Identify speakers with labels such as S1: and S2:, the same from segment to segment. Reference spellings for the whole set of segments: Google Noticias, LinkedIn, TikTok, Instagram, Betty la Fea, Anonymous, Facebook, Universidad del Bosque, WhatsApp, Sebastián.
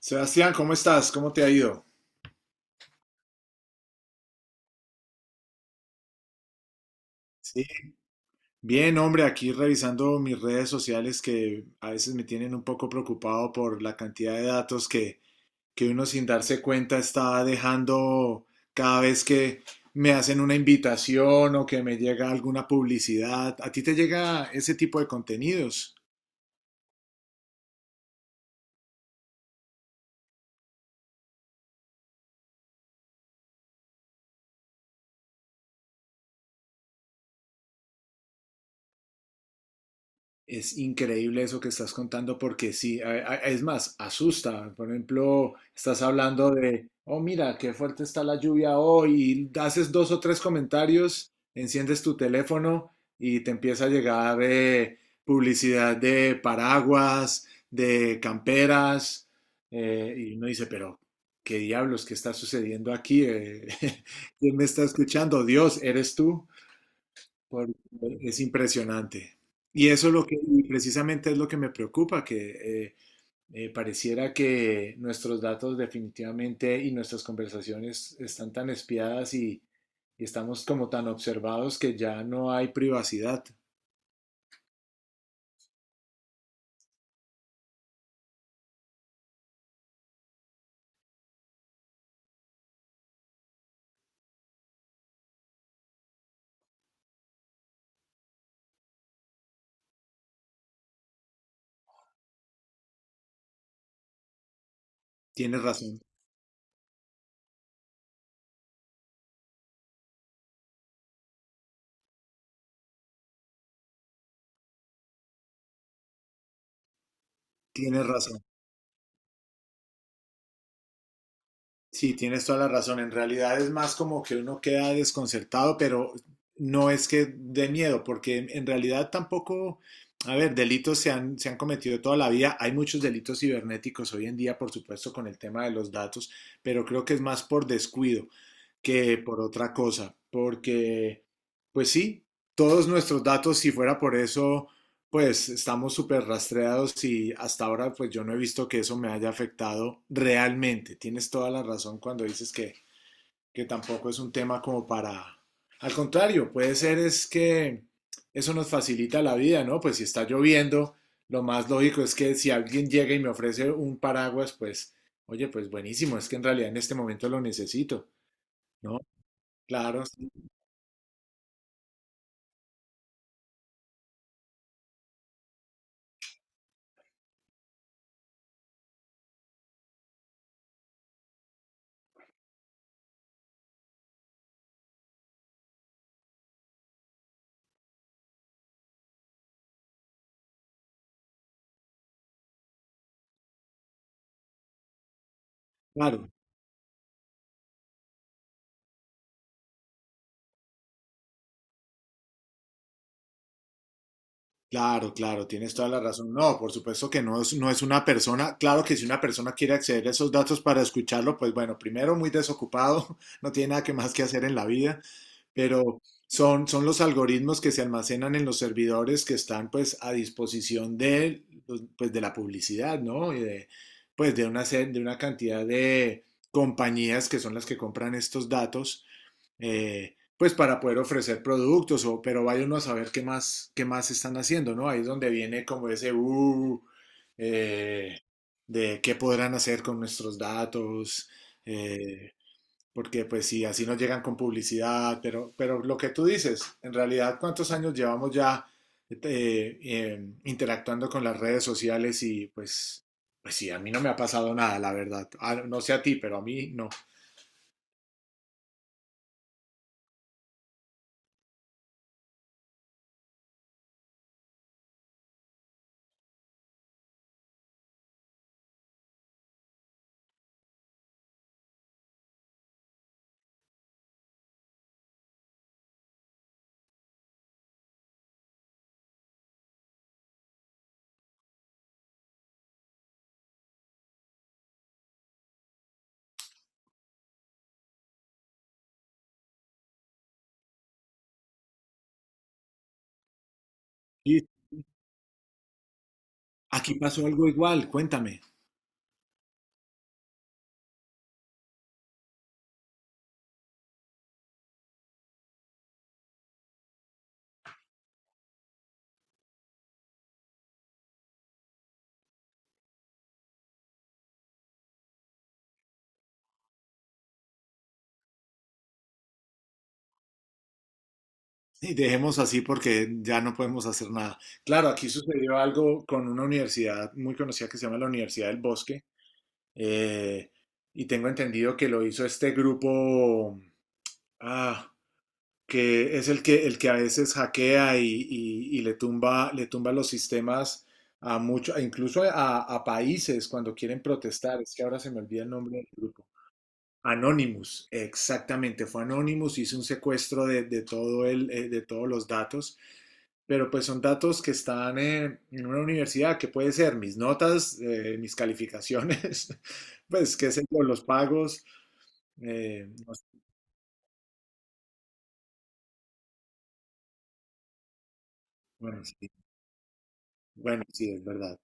S1: Sebastián, ¿cómo estás? ¿Cómo te ha ido? Sí. Bien, hombre, aquí revisando mis redes sociales que a veces me tienen un poco preocupado por la cantidad de datos que uno sin darse cuenta está dejando cada vez que me hacen una invitación o que me llega alguna publicidad. ¿A ti te llega ese tipo de contenidos? Es increíble eso que estás contando porque sí, es más, asusta. Por ejemplo, estás hablando de, oh, mira, qué fuerte está la lluvia hoy, y haces dos o tres comentarios, enciendes tu teléfono y te empieza a llegar publicidad de paraguas, de camperas, y uno dice, pero, ¿qué diablos, qué está sucediendo aquí? ¿Quién me está escuchando? Dios, ¿eres tú? Por- Es impresionante. Y eso es y precisamente es lo que me preocupa, que pareciera que nuestros datos definitivamente y nuestras conversaciones están tan espiadas y estamos como tan observados que ya no hay privacidad. Tienes razón, tienes razón. Sí, tienes toda la razón. En realidad es más como que uno queda desconcertado, pero no es que de miedo, porque en realidad tampoco, a ver, se han cometido toda la vida. Hay muchos delitos cibernéticos hoy en día, por supuesto, con el tema de los datos, pero creo que es más por descuido que por otra cosa, porque, pues sí, todos nuestros datos, si fuera por eso, pues estamos súper rastreados y hasta ahora pues yo no he visto que eso me haya afectado realmente. Tienes toda la razón cuando dices que tampoco es un tema como para... Al contrario, puede ser es que eso nos facilita la vida, ¿no? Pues si está lloviendo, lo más lógico es que si alguien llega y me ofrece un paraguas, pues, oye, pues buenísimo, es que en realidad en este momento lo necesito, ¿no? Claro, sí, claro. Claro, claro, tienes toda la razón. No, por supuesto que no es una persona. Claro que si una persona quiere acceder a esos datos para escucharlo, pues bueno, primero muy desocupado, no tiene nada que más que hacer en la vida, pero son los algoritmos que se almacenan en los servidores que están pues a disposición de pues, de la publicidad, ¿no? Pues de una cantidad de compañías que son las que compran estos datos pues para poder ofrecer productos, o, pero vaya uno a saber qué más están haciendo, ¿no? Ahí es donde viene como ese, eh, de qué podrán hacer con nuestros datos, eh, porque pues sí, así nos llegan con publicidad, pero lo que tú dices, en realidad, ¿cuántos años llevamos ya interactuando con las redes sociales? Y pues, pues sí, a mí no me ha pasado nada, la verdad. Ah, no sé a ti, pero a mí no. Y aquí pasó algo igual, cuéntame. Y dejemos así porque ya no podemos hacer nada. Claro, aquí sucedió algo con una universidad muy conocida que se llama la Universidad del Bosque. Eh, y tengo entendido que lo hizo este grupo ah, que es el que a veces hackea y, y le tumba los sistemas a muchos, incluso a países cuando quieren protestar. Es que ahora se me olvida el nombre del grupo. Anonymous, exactamente, fue Anonymous, hizo un secuestro de todo el, de todos los datos, pero pues son datos que están en una universidad, que puede ser mis notas, mis calificaciones, pues qué sé yo, los pagos. No sé, bueno, sí, bueno, sí, es verdad.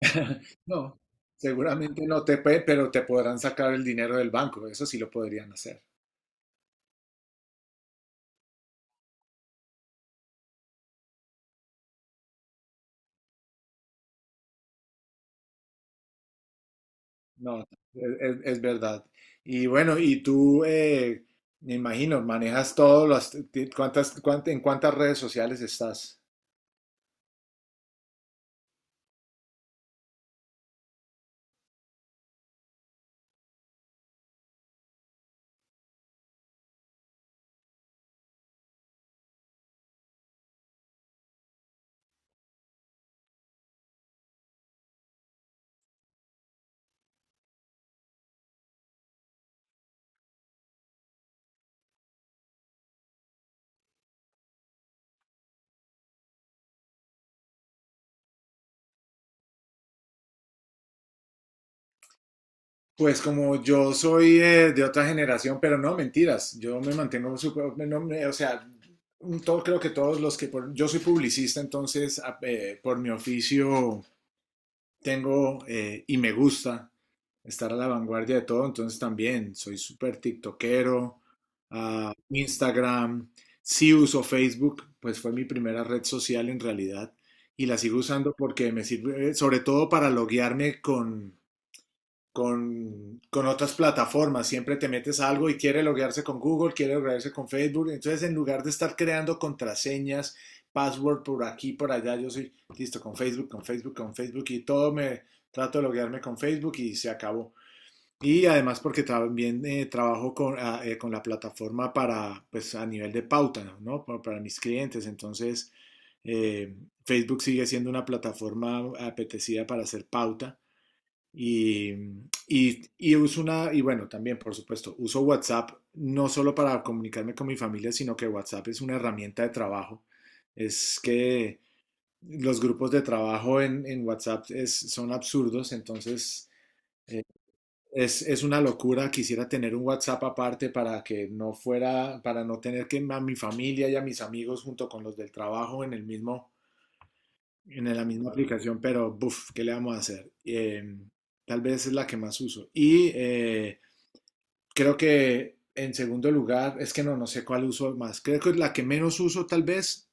S1: No, seguramente no te puede, pero te podrán sacar el dinero del banco, eso sí lo podrían hacer. No, es verdad. Y bueno, y tú, me imagino, manejas todos ¿cuántas, en cuántas redes sociales estás? Pues como yo soy de otra generación, pero no, mentiras, yo me mantengo súper, no, o sea, todo, creo que todos los que yo soy publicista, entonces por mi oficio tengo y me gusta estar a la vanguardia de todo, entonces también soy súper tiktokero, ah, Instagram, sí uso Facebook, pues fue mi primera red social en realidad y la sigo usando porque me sirve, sobre todo para loguearme con con otras plataformas. Siempre te metes a algo y quiere loguearse con Google, quiere loguearse con Facebook. Entonces, en lugar de estar creando contraseñas, password por aquí, por allá, yo soy listo con Facebook, con Facebook, con Facebook y todo me trato de loguearme con Facebook y se acabó. Y además porque también trabajo con la plataforma para, pues a nivel de pauta, ¿no? Para mis clientes. Entonces, eh, Facebook sigue siendo una plataforma apetecida para hacer pauta. Y, y uso una, y bueno, también por supuesto, uso WhatsApp no solo para comunicarme con mi familia, sino que WhatsApp es una herramienta de trabajo. Es que los grupos de trabajo en WhatsApp son absurdos, entonces es una locura. Quisiera tener un WhatsApp aparte para que no fuera, para no tener que a mi familia y a mis amigos junto con los del trabajo en el mismo, en la misma aplicación, pero buf, ¿qué le vamos a hacer? Tal vez es la que más uso. Y creo que en segundo lugar, es que no, no sé cuál uso más. Creo que la que menos uso tal vez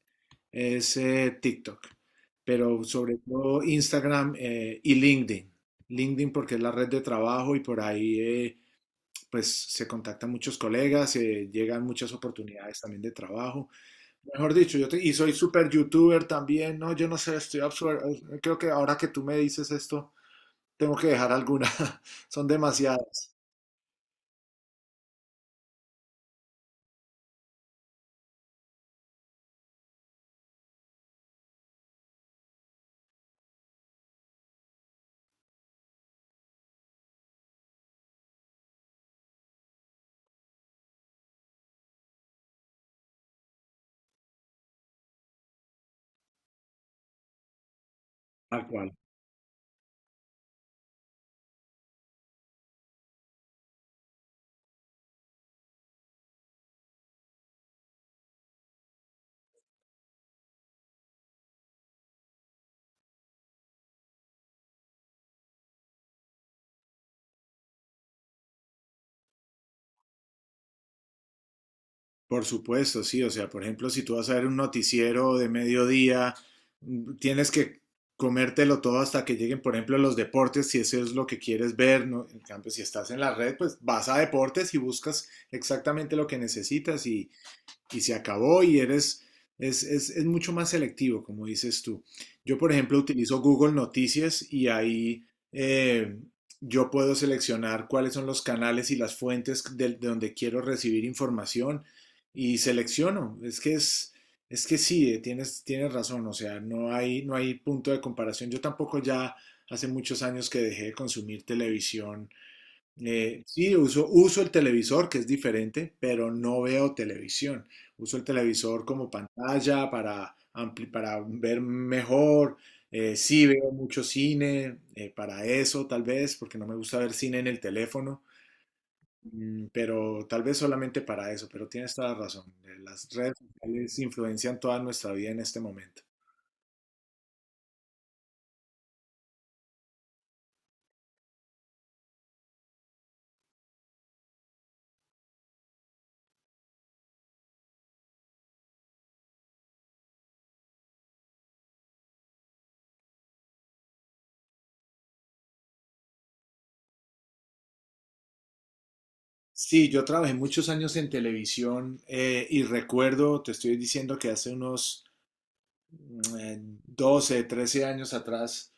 S1: es TikTok, pero sobre todo Instagram y LinkedIn. LinkedIn porque es la red de trabajo y por ahí pues se contactan muchos colegas, llegan muchas oportunidades también de trabajo. Mejor dicho, y soy super youtuber también, ¿no? Yo no sé, estoy absurdo. Creo que ahora que tú me dices esto, tengo que dejar alguna. Son demasiadas. Tal cual. Por supuesto, sí. O sea, por ejemplo, si tú vas a ver un noticiero de mediodía, mm, tienes que comértelo todo hasta que lleguen, por ejemplo, los deportes, si eso es lo que quieres ver, ¿no? En cambio, si estás en la red, pues vas a deportes y buscas exactamente lo que necesitas y se acabó y es mucho más selectivo, como dices tú. Yo, por ejemplo, utilizo Google Noticias y ahí eh, yo puedo seleccionar cuáles son los canales y las fuentes de donde quiero recibir información y selecciono. Es que es que sí, tienes, tienes razón, o sea, no hay, no hay punto de comparación. Yo tampoco ya hace muchos años que dejé de consumir televisión, sí, uso, uso el televisor, que es diferente, pero no veo televisión. Uso el televisor como pantalla para, para ver mejor. Sí veo mucho cine, para eso tal vez, porque no me gusta ver cine en el teléfono. Mm, pero tal vez solamente para eso, pero tienes toda la razón. Las redes sociales influencian toda nuestra vida en este momento. Sí, yo trabajé muchos años en televisión y recuerdo, te estoy diciendo que hace unos... eh, 12, 13 años atrás,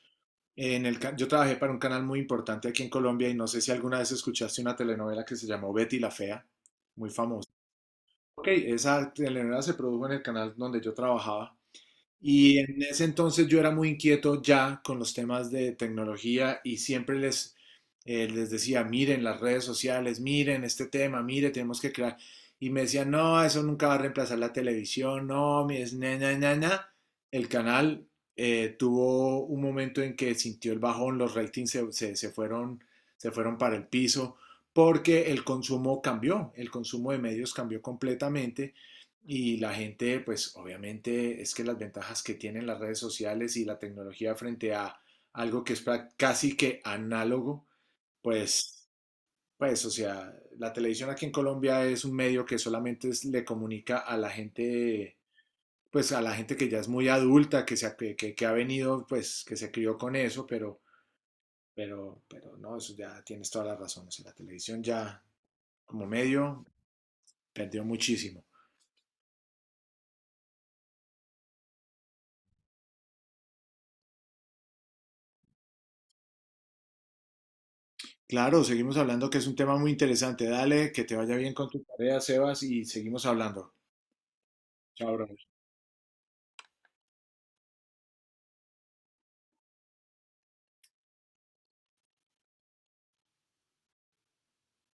S1: yo trabajé para un canal muy importante aquí en Colombia y no sé si alguna vez escuchaste una telenovela que se llamó Betty la Fea, muy famosa. Ok, esa telenovela se produjo en el canal donde yo trabajaba. Y en ese entonces yo era muy inquieto ya con los temas de tecnología y siempre les decía, miren las redes sociales, miren este tema, mire, tenemos que crear. Y me decían, no, eso nunca va a reemplazar la televisión, no, mi es na, na, na, na". El canal tuvo un momento en que sintió el bajón, los ratings se fueron para el piso porque el consumo cambió, el consumo de medios cambió completamente y la gente, pues obviamente es que las ventajas que tienen las redes sociales y la tecnología frente a algo que es casi que análogo, pues, pues, o sea, la televisión aquí en Colombia es un medio que solamente le comunica a la gente, pues a la gente que ya es muy adulta, que, se, ha- que ha venido, pues, que se crió con eso, pero, pero no, eso ya tienes toda la razón, o sea, la televisión ya como medio perdió muchísimo. Claro, seguimos hablando que es un tema muy interesante. Dale, que te vaya bien con tu tarea, Sebas, y seguimos hablando. Chao, bro.